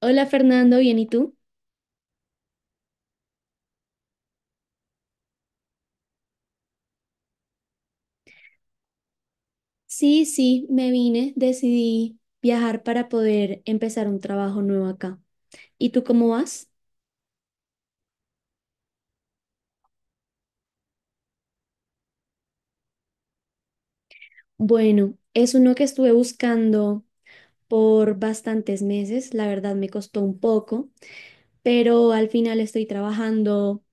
Hola Fernando, ¿bien y tú? Sí, sí, me vine, decidí viajar para poder empezar un trabajo nuevo acá. ¿Y tú cómo vas? Bueno, es uno que estuve buscando por bastantes meses, la verdad me costó un poco, pero al final estoy trabajando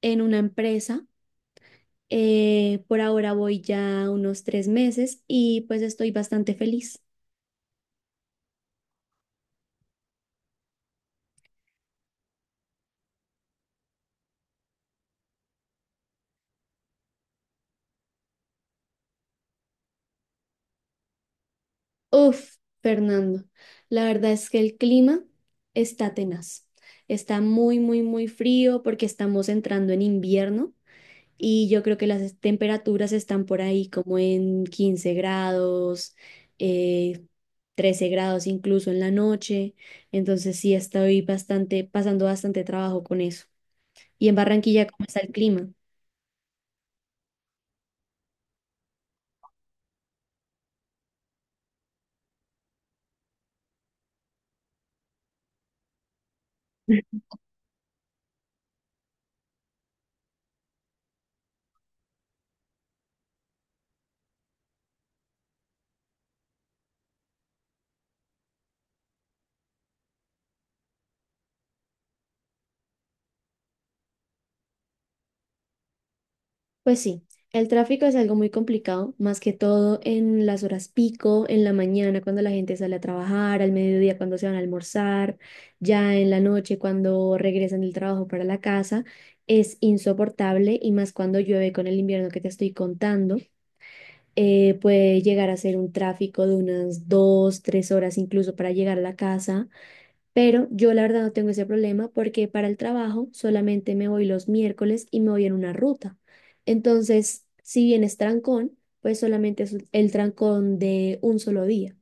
en una empresa. Por ahora voy ya unos 3 meses y pues estoy bastante feliz. Uf, Fernando, la verdad es que el clima está tenaz. Está muy, muy, muy frío porque estamos entrando en invierno y yo creo que las temperaturas están por ahí como en 15 grados, eh, 13 grados incluso en la noche. Entonces sí estoy pasando bastante trabajo con eso. ¿Y en Barranquilla cómo está el clima? Pues sí, el tráfico es algo muy complicado, más que todo en las horas pico, en la mañana cuando la gente sale a trabajar, al mediodía cuando se van a almorzar, ya en la noche cuando regresan del trabajo para la casa, es insoportable y más cuando llueve con el invierno que te estoy contando, puede llegar a ser un tráfico de unas dos, tres horas incluso para llegar a la casa. Pero yo la verdad no tengo ese problema porque para el trabajo solamente me voy los miércoles y me voy en una ruta. Entonces, si bien es trancón, pues solamente es el trancón de un solo día.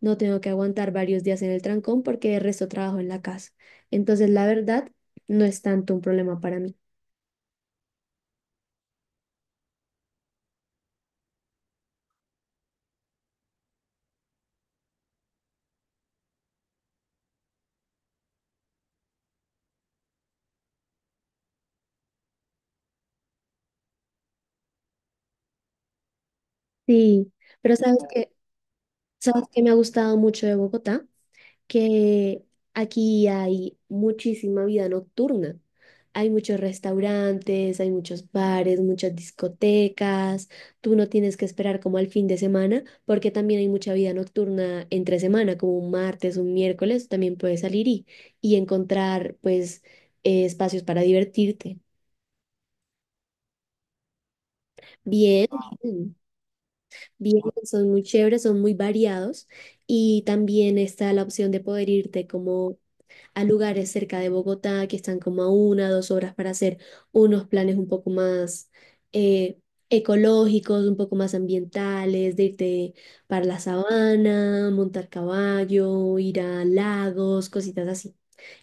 No tengo que aguantar varios días en el trancón porque el resto trabajo en la casa. Entonces, la verdad, no es tanto un problema para mí. Sí, pero ¿Sabes que me ha gustado mucho de Bogotá? Que aquí hay muchísima vida nocturna. Hay muchos restaurantes, hay muchos bares, muchas discotecas. Tú no tienes que esperar como al fin de semana, porque también hay mucha vida nocturna entre semana, como un martes, un miércoles, también puedes salir y, encontrar pues espacios para divertirte. Bien, bien, bien, son muy chéveres, son muy variados y también está la opción de poder irte como a lugares cerca de Bogotá que están como a una, dos horas para hacer unos planes un poco más eh, ecológicos, un poco más ambientales, de irte para la sabana, montar caballo, ir a lagos, cositas así.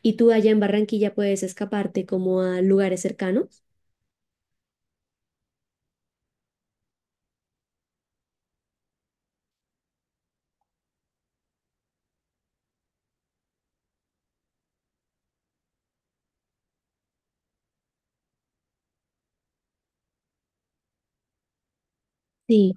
¿Y tú allá en Barranquilla puedes escaparte como a lugares cercanos? Sí,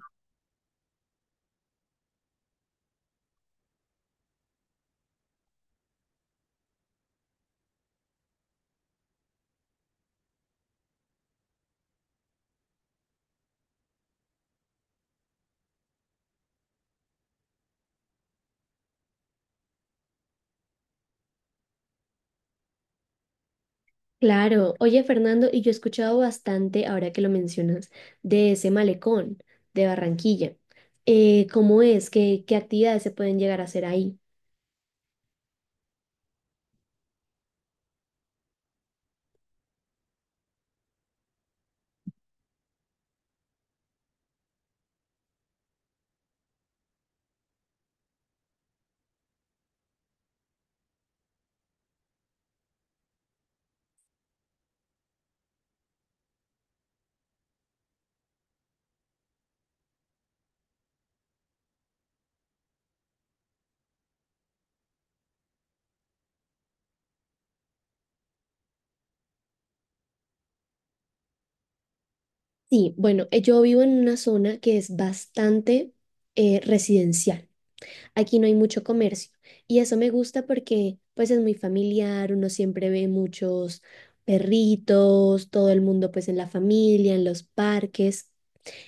claro. Oye, Fernando, y yo he escuchado bastante, ahora que lo mencionas, de ese malecón de Barranquilla. ¿Cómo es? ¿Qué, qué actividades se pueden llegar a hacer ahí? Sí, bueno, yo vivo en una zona que es bastante residencial. Aquí no hay mucho comercio y eso me gusta porque pues es muy familiar, uno siempre ve muchos perritos, todo el mundo pues en la familia, en los parques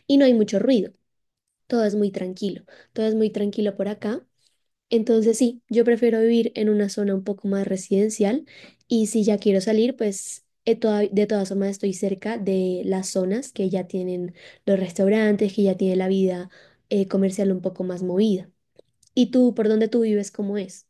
y no hay mucho ruido. Todo es muy tranquilo, todo es muy tranquilo por acá. Entonces sí, yo prefiero vivir en una zona un poco más residencial y si ya quiero salir, pues de todas formas estoy cerca de las zonas que ya tienen los restaurantes, que ya tiene la vida comercial un poco más movida. ¿Y tú, por dónde tú vives, cómo es?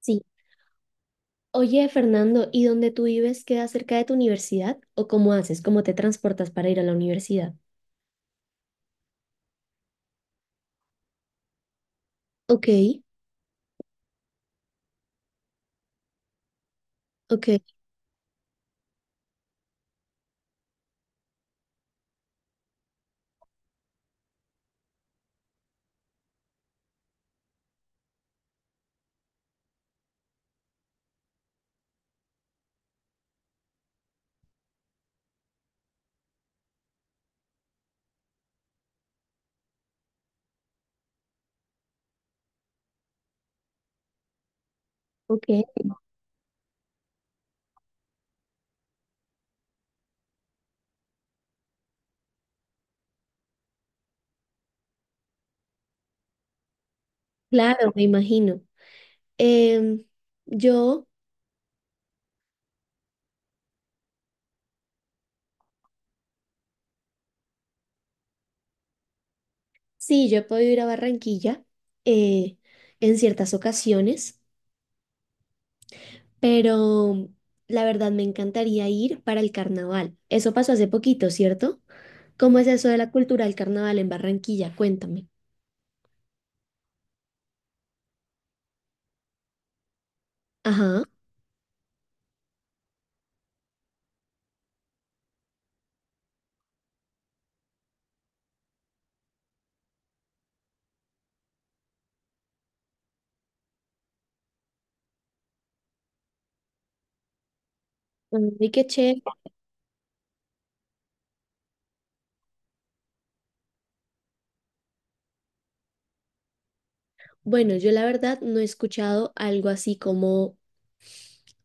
Sí. Oye, Fernando, ¿y dónde tú vives queda cerca de tu universidad? ¿O cómo haces? ¿Cómo te transportas para ir a la universidad? Ok, ok, ok. Claro, me imagino. Em, yo... Sí, yo he podido ir a Barranquilla eh, en ciertas ocasiones, pero la verdad me encantaría ir para el carnaval. Eso pasó hace poquito, ¿cierto? ¿Cómo es eso de la cultura del carnaval en Barranquilla? Cuéntame. Ajá. Ay, qué chévere. Bueno, yo la verdad no he escuchado algo así como,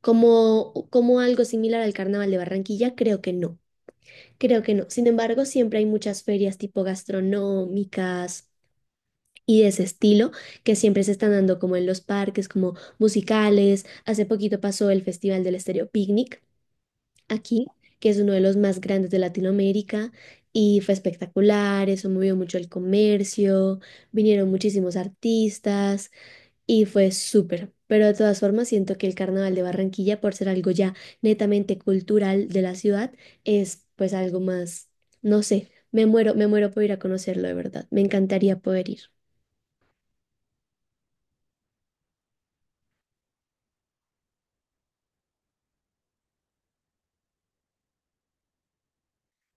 algo similar al carnaval de Barranquilla. Creo que no. Creo que no. Sin embargo, siempre hay muchas ferias tipo gastronómicas y de ese estilo que siempre se están dando como en los parques, como musicales. Hace poquito pasó el Festival del Estéreo Picnic aquí, que es uno de los más grandes de Latinoamérica y fue espectacular, eso movió mucho el comercio, vinieron muchísimos artistas y fue súper. Pero de todas formas siento que el Carnaval de Barranquilla, por ser algo ya netamente cultural de la ciudad, es pues algo más, no sé, me muero por ir a conocerlo de verdad. Me encantaría poder ir.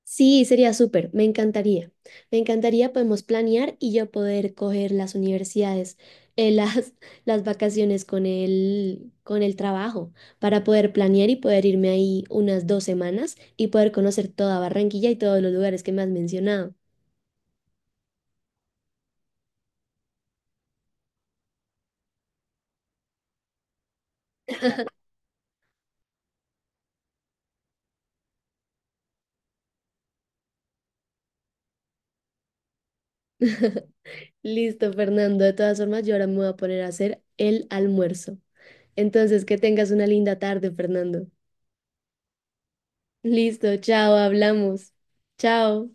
Sí, sería súper, me encantaría. Me encantaría, podemos planear y yo poder coger las universidades, las, las vacaciones con el, trabajo, para poder planear y poder irme ahí unas 2 semanas y poder conocer toda Barranquilla y todos los lugares que me has mencionado. Listo, Fernando. De todas formas, yo ahora me voy a poner a hacer el almuerzo. Entonces, que tengas una linda tarde, Fernando. Listo, chao, hablamos. Chao.